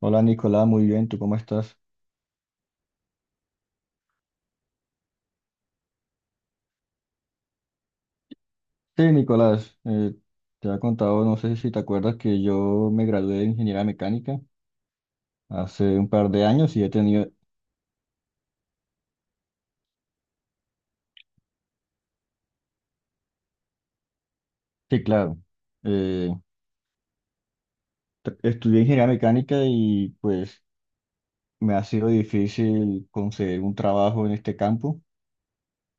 Hola Nicolás, muy bien, ¿tú cómo estás? Sí, Nicolás, te he contado, no sé si te acuerdas que yo me gradué de ingeniería mecánica hace un par de años y he tenido, sí, claro, eh, estudié ingeniería mecánica y pues me ha sido difícil conseguir un trabajo en este campo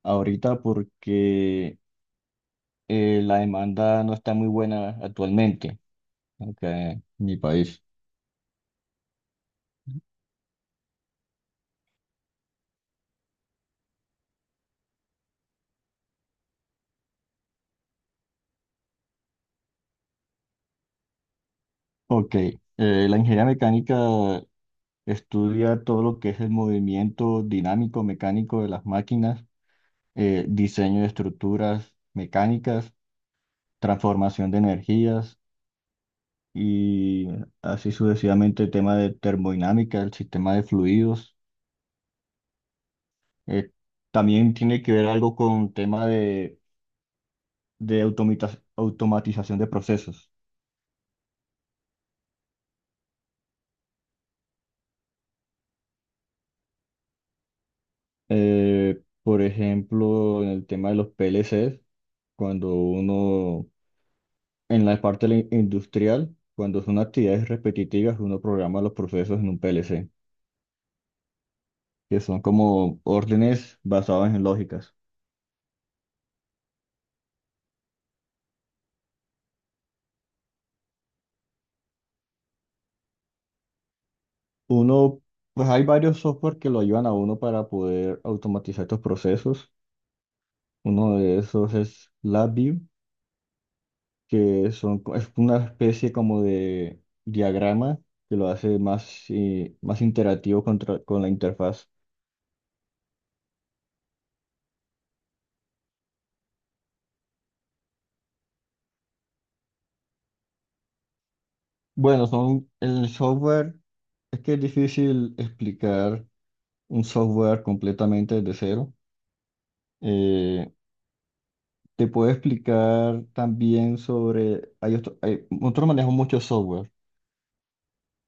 ahorita porque la demanda no está muy buena actualmente acá en mi país. Ok, la ingeniería mecánica estudia todo lo que es el movimiento dinámico, mecánico de las máquinas, diseño de estructuras mecánicas, transformación de energías y así sucesivamente el tema de termodinámica, el sistema de fluidos. Eh, También tiene que ver algo con tema de automatización de procesos. Por ejemplo, en el tema de los PLCs, cuando uno, en la parte industrial, cuando son actividades repetitivas, uno programa los procesos en un PLC, que son como órdenes basadas en lógicas. Uno, pues hay varios software que lo ayudan a uno para poder automatizar estos procesos. Uno de esos es LabVIEW, que es una especie como de diagrama que lo hace más, más interactivo con la interfaz. Bueno, son el software, es que es difícil explicar un software completamente desde cero. Eh, Te puedo explicar también sobre, hay nosotros manejamos mucho software.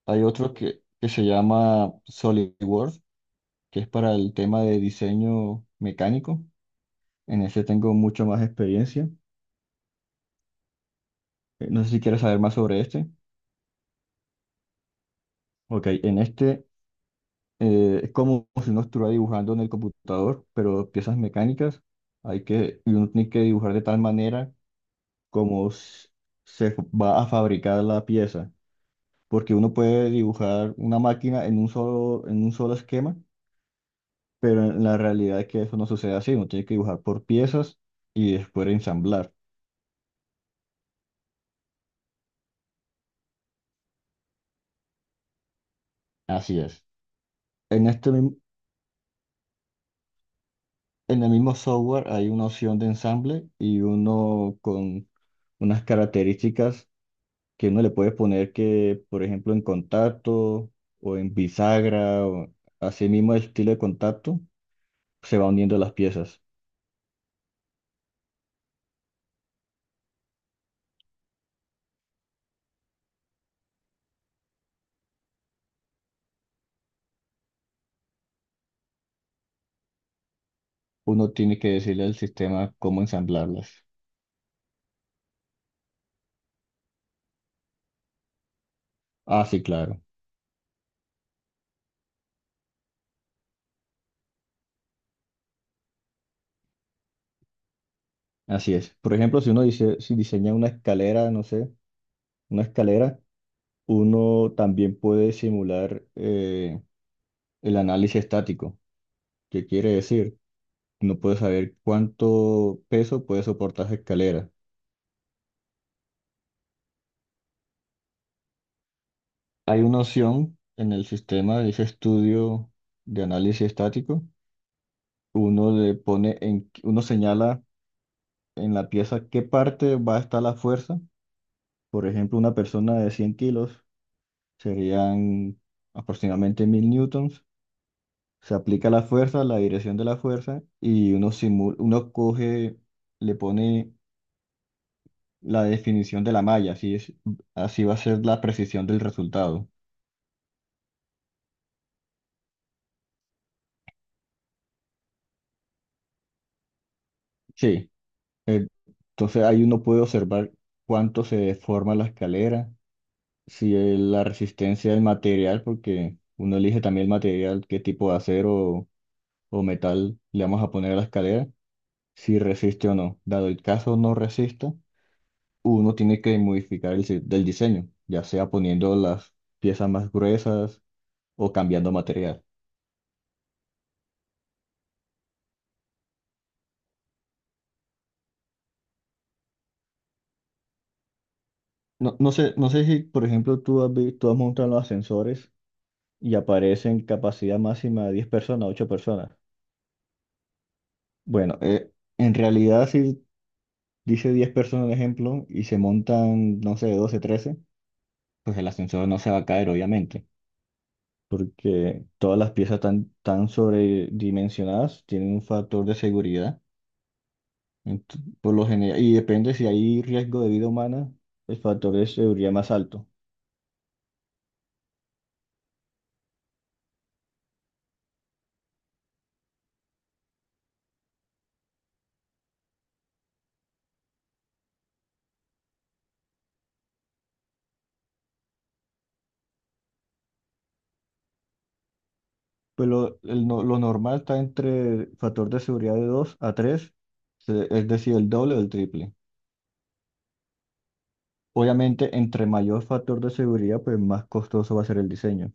Hay otro que se llama SolidWorks, que es para el tema de diseño mecánico. En ese tengo mucho más experiencia. No sé si quieres saber más sobre este. Ok, en este es como si uno estuviera dibujando en el computador, pero piezas mecánicas hay que, y uno tiene que dibujar de tal manera cómo se va a fabricar la pieza, porque uno puede dibujar una máquina en un en un solo esquema, pero en la realidad es que eso no sucede así, uno tiene que dibujar por piezas y después ensamblar. Así es. En este, mim- en el mismo software hay una opción de ensamble y uno con unas características que uno le puede poner que, por ejemplo, en contacto o en bisagra o así mismo el estilo de contacto, se va uniendo las piezas. Uno tiene que decirle al sistema cómo ensamblarlas. Ah, sí, claro, así es. Por ejemplo, si uno dice, si diseña una escalera, no sé, una escalera, uno también puede simular el análisis estático. ¿Qué quiere decir? No puede saber cuánto peso puede soportar esa escalera. Hay una opción en el sistema, de ese estudio de análisis estático. Uno le uno señala en la pieza qué parte va a estar la fuerza. Por ejemplo, una persona de 100 kilos serían aproximadamente 1000 newtons. Se aplica la fuerza, la dirección de la fuerza, y uno simula, uno coge, le pone la definición de la malla, así es, así va a ser la precisión del resultado. Sí, eh, entonces ahí uno puede observar cuánto se deforma la escalera, si es la resistencia del material, porque uno elige también el material, qué tipo de acero o metal le vamos a poner a la escalera, si resiste o no. Dado el caso no resista, uno tiene que modificar el, si- del diseño, ya sea poniendo las piezas más gruesas o cambiando material. No, no sé, no sé si, por ejemplo, tú has montado los ascensores y aparecen capacidad máxima de 10 personas, 8 personas. Bueno, en realidad si dice 10 personas, por ejemplo, y se montan, no sé, 12, 13 pues el ascensor no se va a caer, obviamente, porque todas las piezas tan sobredimensionadas, tienen un factor de seguridad, ent- por lo general, y depende si hay riesgo de vida humana, el factor de seguridad más alto. Pues lo, el no- Lo normal está entre el factor de seguridad de 2 a tres, es decir, el doble o el triple. Obviamente, entre mayor factor de seguridad, pues más costoso va a ser el diseño.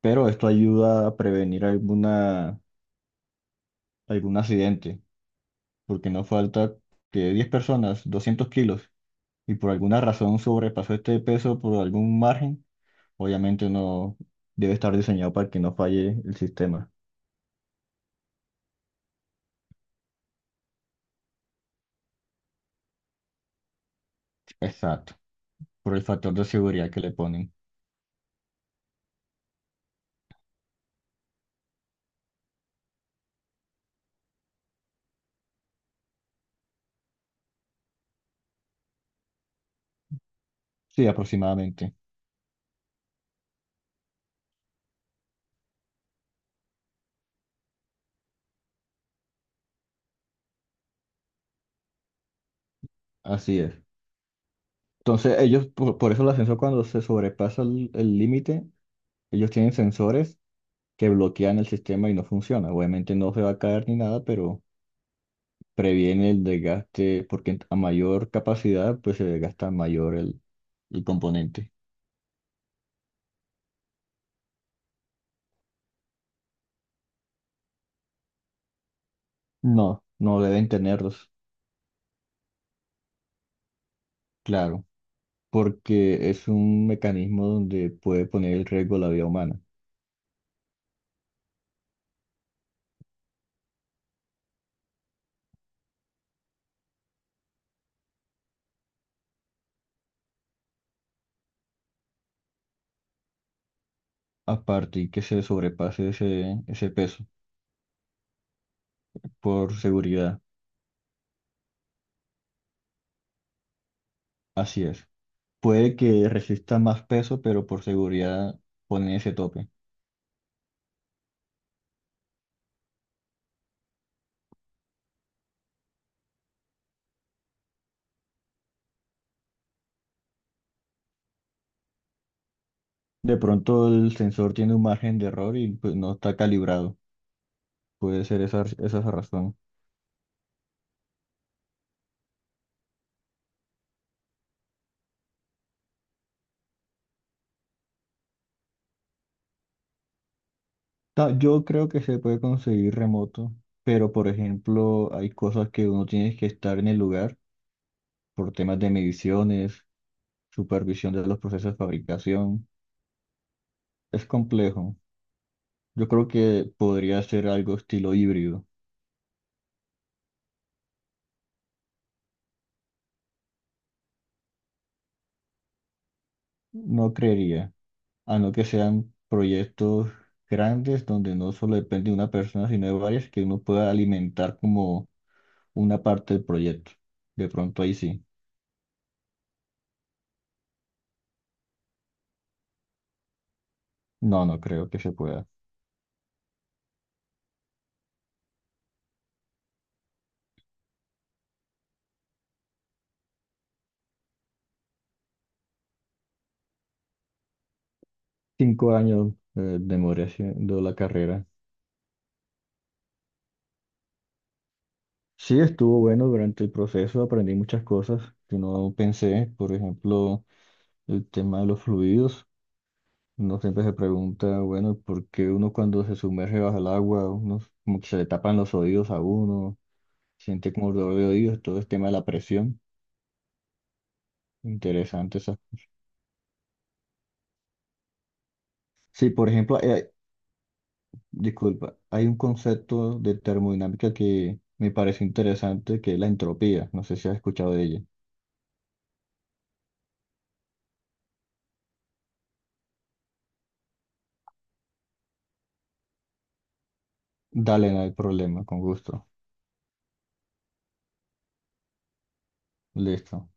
Pero esto ayuda a prevenir alguna, algún accidente, porque no falta que 10 personas, 200 kilos, y por alguna razón sobrepasó este peso por algún margen, obviamente no debe estar diseñado para que no falle el sistema. Exacto, por el factor de seguridad que le ponen. Sí, aproximadamente. Así es. Entonces, ellos, por eso el ascensor cuando se sobrepasa el límite, ellos tienen sensores que bloquean el sistema y no funciona. Obviamente no se va a caer ni nada, pero previene el desgaste, porque a mayor capacidad, pues se desgasta mayor el componente. No, no deben tenerlos, claro, porque es un mecanismo donde puede poner en riesgo la vida humana. Aparte, y que se sobrepase ese peso por seguridad. Así es. Puede que resista más peso, pero por seguridad pone ese tope. De pronto el sensor tiene un margen de error y pues, no está calibrado. Puede ser esa es la razón. Yo creo que se puede conseguir remoto, pero por ejemplo hay cosas que uno tiene que estar en el lugar por temas de mediciones, supervisión de los procesos de fabricación. Es complejo. Yo creo que podría ser algo estilo híbrido. No creería, a no que sean proyectos grandes donde no solo depende de una persona, sino de varias que uno pueda alimentar como una parte del proyecto. De pronto ahí sí. No, no creo que se pueda. 5 años demoré haciendo la carrera. Sí, estuvo bueno, durante el proceso aprendí muchas cosas que no pensé, por ejemplo, el tema de los fluidos. Uno siempre se pregunta, bueno, ¿por qué uno cuando se sumerge bajo el agua, uno como que se le tapan los oídos a uno, siente como dolor de oídos, todo el tema de la presión? Interesante esa. Sí, por ejemplo, disculpa, hay un concepto de termodinámica que me parece interesante, que es la entropía. No sé si has escuchado de ella. Dale, no hay problema, con gusto. Listo.